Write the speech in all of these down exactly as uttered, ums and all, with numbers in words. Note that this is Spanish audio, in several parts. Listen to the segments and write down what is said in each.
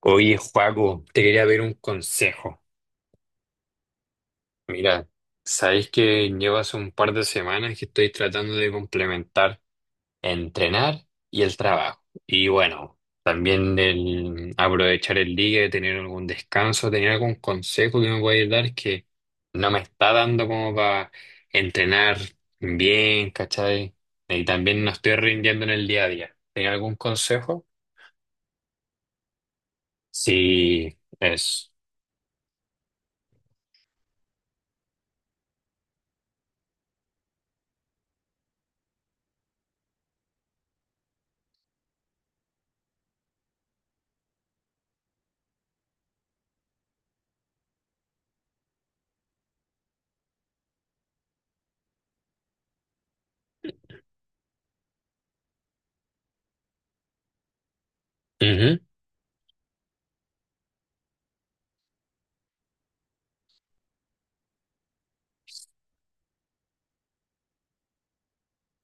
Oye, Joaco, te quería ver un consejo. Mira, sabéis que llevo hace un par de semanas que estoy tratando de complementar entrenar y el trabajo. Y bueno, también el aprovechar el día, tener algún descanso, tener algún consejo que me pueda dar que no me está dando como para entrenar bien, ¿cachai? Y también no estoy rindiendo en el día a día. ¿Tenía algún consejo? Sí, es.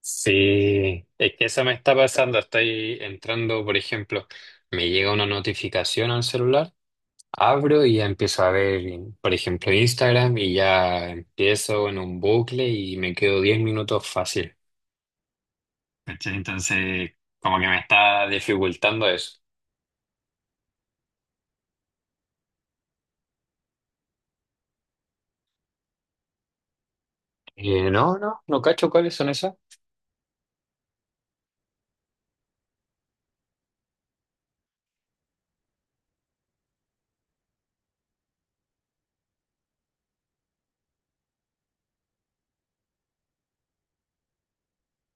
Sí, es que eso me está pasando. Estoy entrando, por ejemplo, me llega una notificación al celular, abro y ya empiezo a ver, por ejemplo, Instagram y ya empiezo en un bucle y me quedo diez minutos fácil. ¿Cachai? Entonces, como que me está dificultando eso. Eh, no, no, no cacho cuáles son esas.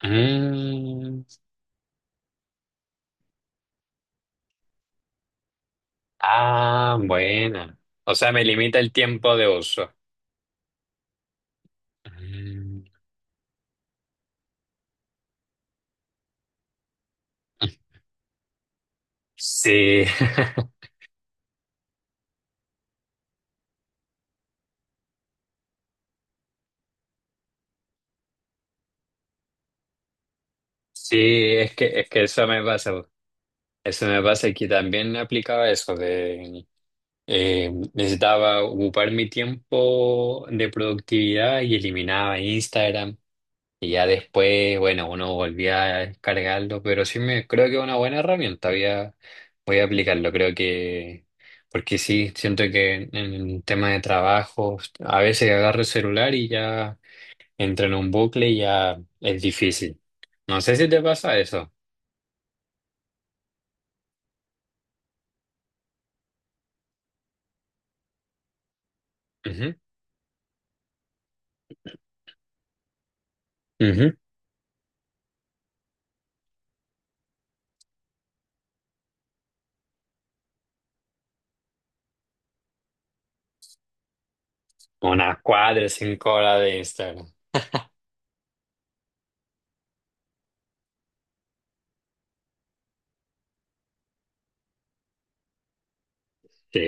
Mm, ah, bueno. O sea, me limita el tiempo de uso. Mm, sí. Sí, es que, es que eso me pasa. Eso me pasa que también aplicaba eso de eh, necesitaba ocupar mi tiempo de productividad y eliminaba Instagram. Y ya después, bueno, uno volvía a descargarlo, pero sí me creo que es una buena herramienta. Voy a, voy a aplicarlo, creo que, porque sí, siento que en en tema de trabajo, a veces agarro el celular y ya entro en un bucle y ya es difícil. No sé si te pasa eso. Ujú. Una cuadra, cinco horas de Instagram. Sí,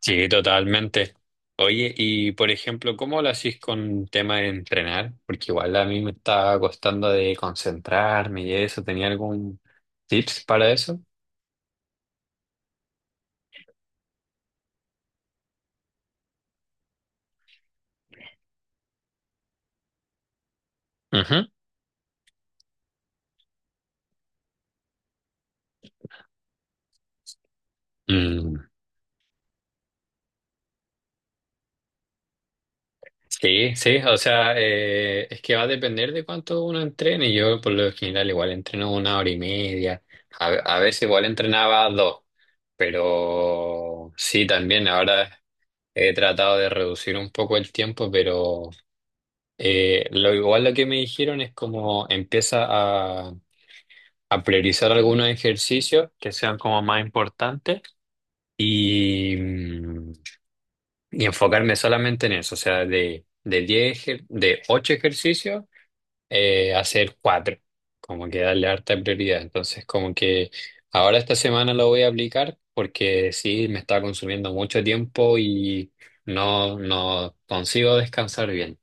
sí, totalmente. Oye, y por ejemplo, ¿cómo lo hacís con tema de entrenar? Porque igual a mí me estaba costando de concentrarme y eso. ¿Tenía algún tips para eso? Ujú. Mm, sí, sí, o sea, eh, es que va a depender de cuánto uno entrene. Yo por lo general igual entreno una hora y media, a, a veces igual entrenaba dos, pero sí, también ahora he tratado de reducir un poco el tiempo, pero eh, lo igual lo que me dijeron es como empieza a, a priorizar algunos ejercicios que sean como más importantes y, mm, y enfocarme solamente en eso, o sea, de, de diez ejer- de ocho ejercicios eh, hacer cuatro, como que darle harta prioridad. Entonces, como que ahora esta semana lo voy a aplicar porque sí, me está consumiendo mucho tiempo y no, no consigo descansar bien.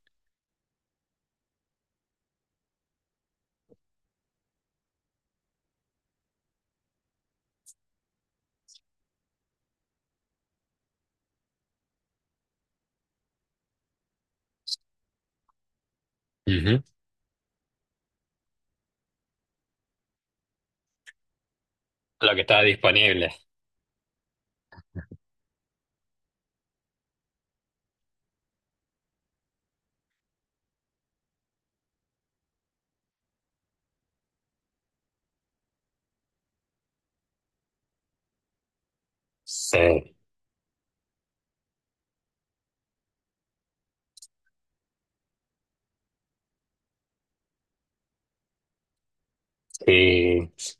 Ujú. Lo que está disponible. Sí, sí,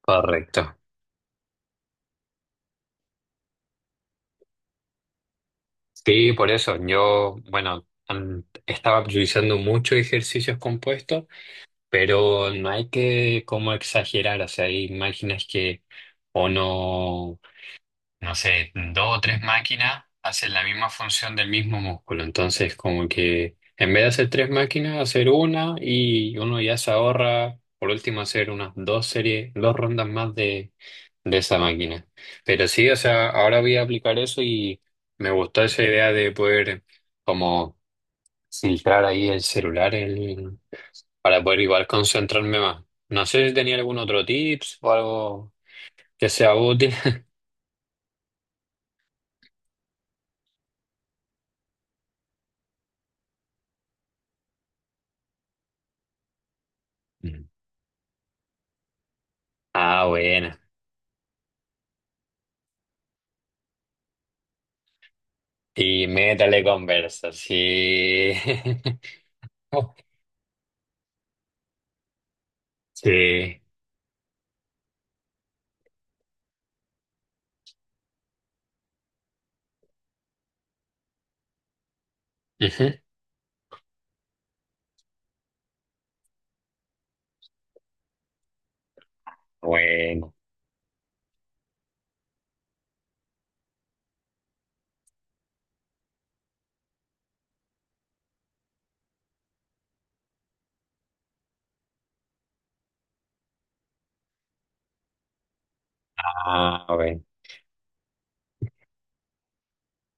correcto. Sí, por eso yo, bueno, an- estaba priorizando muchos ejercicios compuestos, pero no hay que como exagerar, o sea, hay máquinas que o no no sé, dos o tres máquinas hacen la misma función del mismo músculo. Entonces, como que en vez de hacer tres máquinas, hacer una y uno ya se ahorra, por último, hacer unas dos series, dos rondas más de, de esa máquina. Pero sí, o sea, ahora voy a aplicar eso y me gustó esa idea de poder como filtrar ahí el celular el- para poder igual concentrarme más. No sé si tenía algún otro tips o algo que sea útil. Mm. Ah, bueno. Y métale conversa, sí. Sí. Ujú. Bueno. Ah, bueno.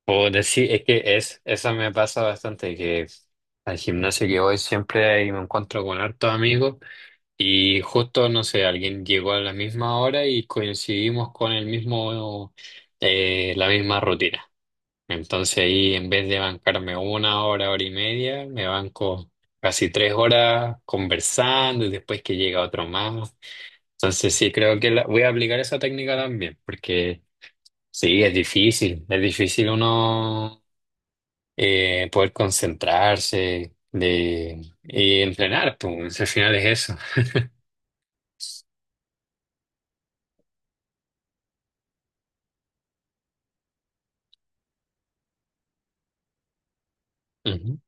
Puedo sí es que es, eso me pasa bastante, que al gimnasio que voy siempre ahí me encuentro con hartos amigos y justo, no sé, alguien llegó a la misma hora y coincidimos con el mismo, eh, la misma rutina. Entonces ahí en vez de bancarme una hora, hora y media, me banco casi tres horas conversando y después que llega otro más. Entonces sí, creo que la- voy a aplicar esa técnica también, porque sí, es difícil, es difícil uno eh, poder concentrarse de, y entrenar, pues al final es eso. Ujú.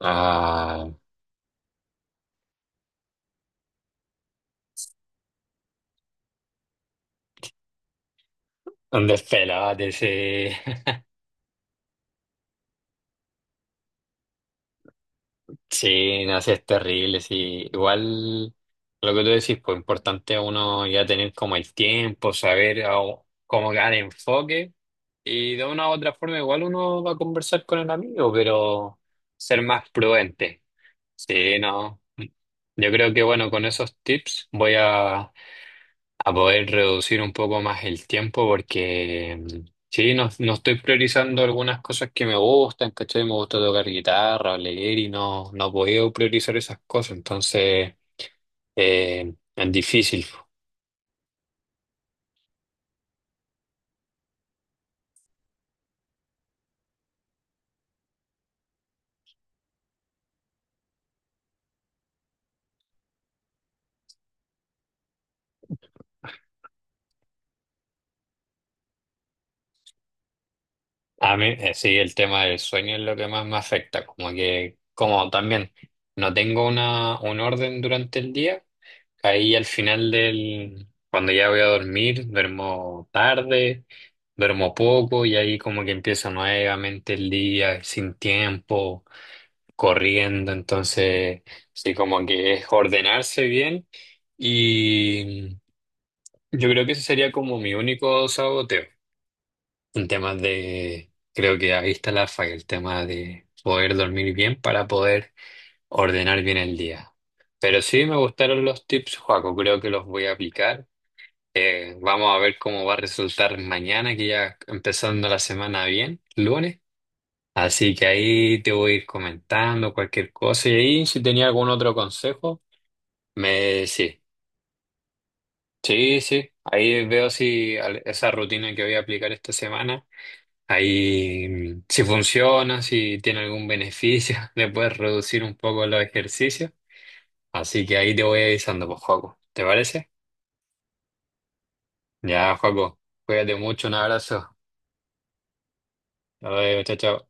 Ah, ¿dónde esperabas ese? Sí, no, sí, es terrible, sí. Igual lo que tú decís, pues importante uno ya tener como el tiempo, saber a- cómo dar enfoque y de una u otra forma igual uno va a conversar con el amigo, pero ser más prudente. Sí, no. Yo creo que bueno, con esos tips voy a, a poder reducir un poco más el tiempo porque sí, no, no estoy priorizando algunas cosas que me gustan, ¿cachai? Me gusta tocar guitarra, leer y no, no puedo priorizar esas cosas, entonces eh, es difícil. A mí, eh, sí, el tema del sueño es lo que más me afecta, como que, como también no tengo una, un orden durante el día, ahí al final del, cuando ya voy a dormir, duermo tarde, duermo poco y ahí como que empieza nuevamente el día sin tiempo. Corriendo, entonces sí, como que es ordenarse bien y yo creo que ese sería como mi único saboteo en temas de, creo que ahí está la falla, el tema de poder dormir bien para poder ordenar bien el día. Pero sí me gustaron los tips, Joaco, creo que los voy a aplicar. Eh, vamos a ver cómo va a resultar mañana, que ya empezando la semana bien, lunes. Así que ahí te voy a ir comentando cualquier cosa. Y ahí, si tenía algún otro consejo, me sí. Sí, sí. Ahí veo si al- esa rutina que voy a aplicar esta semana, ahí mm, si funciona, si tiene algún beneficio, le puedes reducir un poco los ejercicios. Así que ahí te voy avisando, pues, Joaco. ¿Te parece? Ya, Joaco. Cuídate mucho, un abrazo. Hasta luego, chao, chao.